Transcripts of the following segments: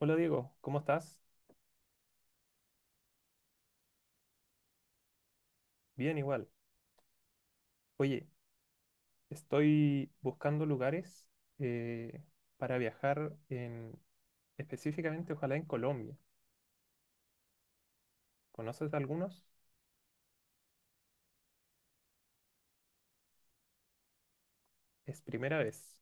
Hola Diego, ¿cómo estás? Bien igual. Oye, estoy buscando lugares eh, para viajar en, específicamente, ojalá en Colombia. ¿Conoces algunos? Es primera vez.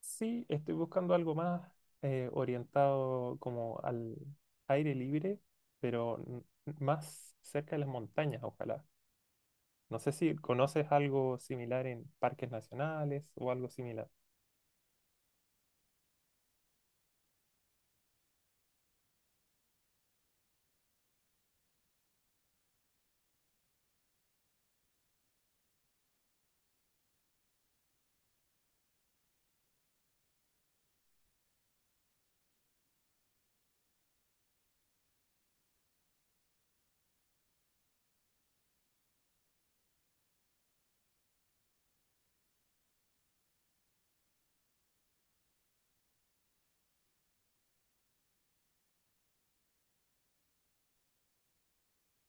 Sí, estoy buscando algo más orientado como al aire libre, pero más cerca de las montañas, ojalá. No sé si conoces algo similar en parques nacionales o algo similar.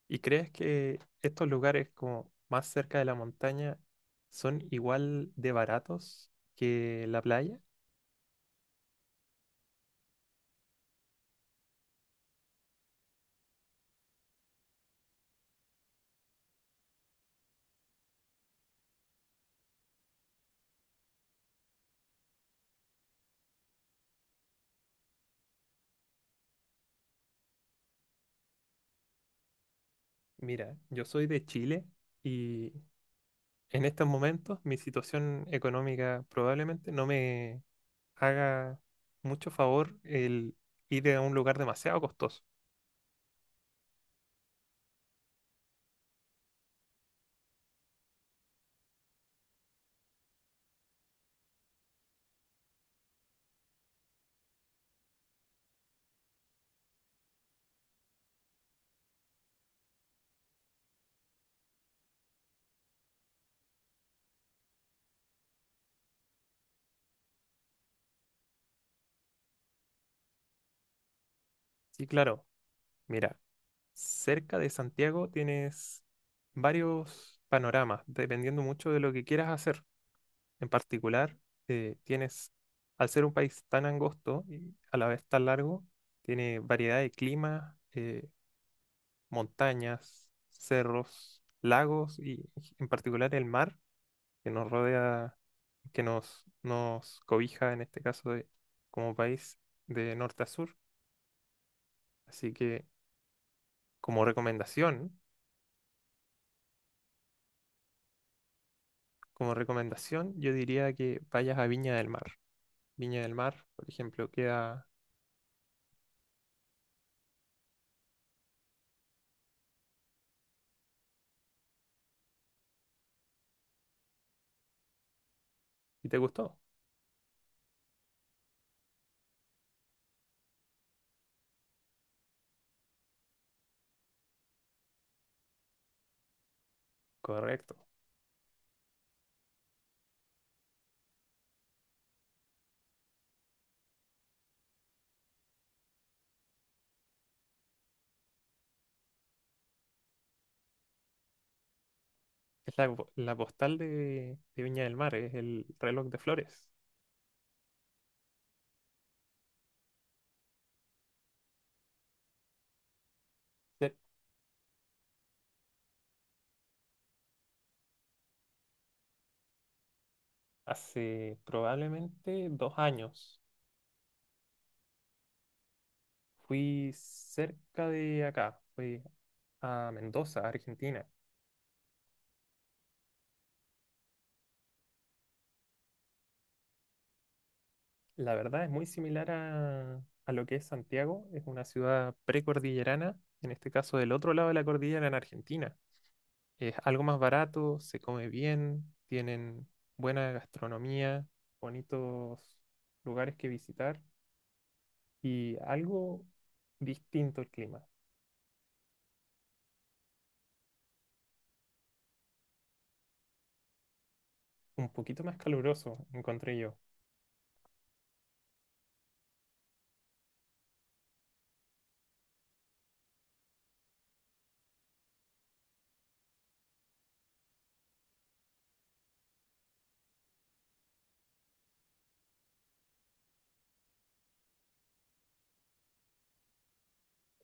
¿Y crees que estos lugares como más cerca de la montaña son igual de baratos que la playa? Mira, yo soy de Chile y en estos momentos mi situación económica probablemente no me haga mucho favor el ir a un lugar demasiado costoso. Sí, claro, mira, cerca de Santiago tienes varios panoramas, dependiendo mucho de lo que quieras hacer. En particular, tienes, al ser un país tan angosto y a la vez tan largo, tiene variedad de climas, montañas, cerros, lagos y en particular el mar que nos rodea, que nos cobija en este caso como país de norte a sur. Así que como recomendación, como recomendación, yo diría que vayas a Viña del Mar. Viña del Mar, por ejemplo, queda... ¿Y te gustó? Correcto. Es la, la postal de Viña del Mar, es el reloj de flores. Ce- Hace probablemente 2 años fui cerca de acá, fui a Mendoza, Argentina. La verdad es muy similar a lo que es Santiago, es una ciudad precordillerana, en este caso del otro lado de la cordillera en Argentina. Es algo más barato, se come bien, tienen buena gastronomía, bonitos lugares que visitar y algo distinto el clima, un poquito más caluroso, encontré yo.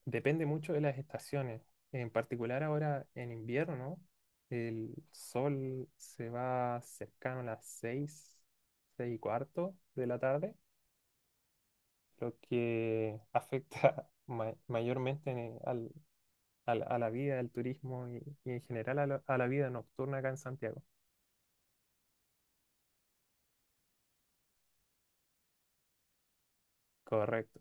Depende mucho de las estaciones, en particular ahora en invierno, el sol se va cercano a las 6 6:15 de la tarde, lo que afecta mayormente a la vida, al turismo y en general a la vida nocturna acá en Santiago. Correcto.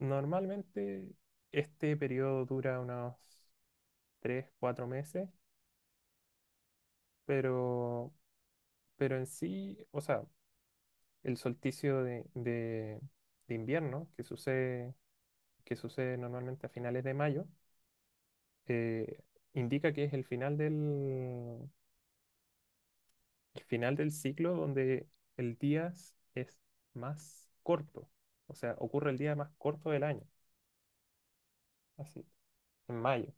Normalmente este periodo dura unos 3, 4 meses, pero, pero en sí, o sea, el solsticio de, de invierno que sucede normalmente a finales de mayo, eh, indica que es el final del ciclo donde el día es más corto, o sea, ocurre el día más corto del año, así, en mayo.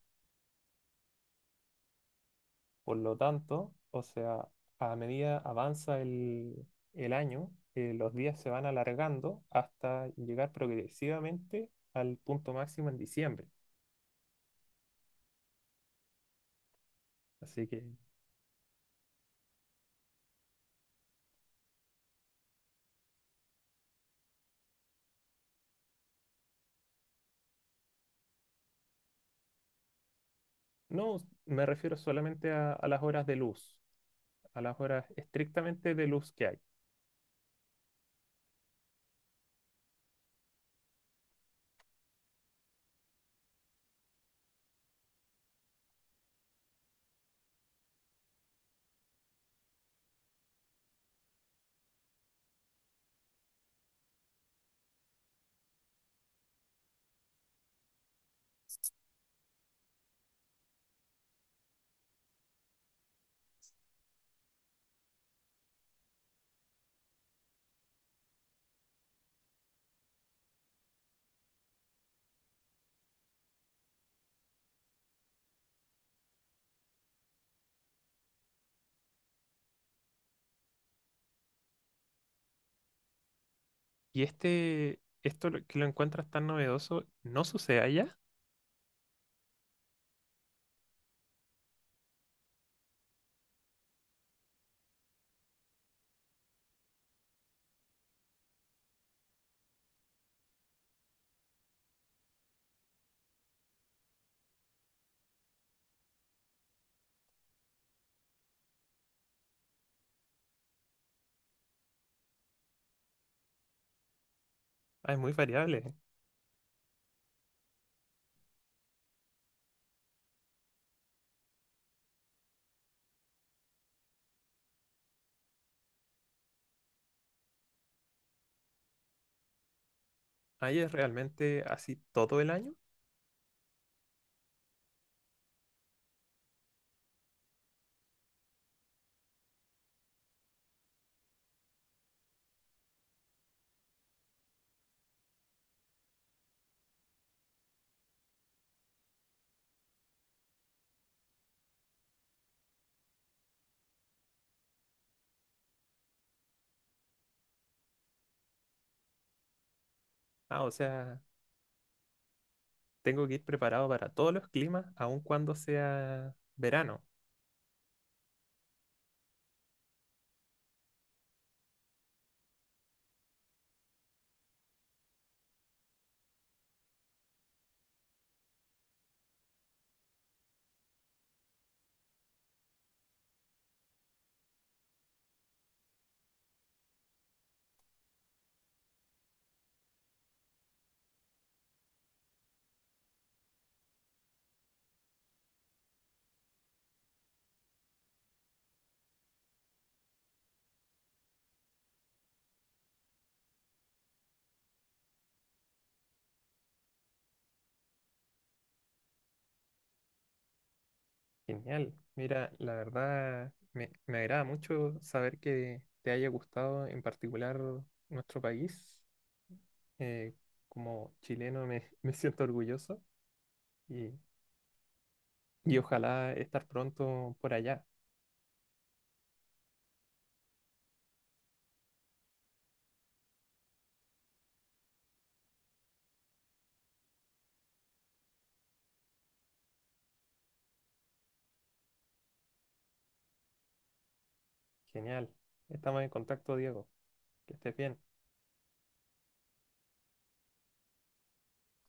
Por lo tanto, o sea, a medida avanza el año, los días se van alargando hasta llegar progresivamente al punto máximo en diciembre. Así que no me refiero solamente a las horas de luz, a las horas estrictamente de luz que hay. Y este, que lo encuentras tan novedoso, ¿no sucede allá? Ah, es muy variable. ¿Allá es realmente así todo el año? Ah, o sea, tengo que ir preparado para todos los climas, aun cuando sea verano. Genial. Mira, la verdad me agrada mucho saber que te haya gustado en particular nuestro país. Eh, como chileno me, me siento orgulloso y, y ojalá estar pronto por allá. Genial. Estamos en contacto, Diego. Que estés bien.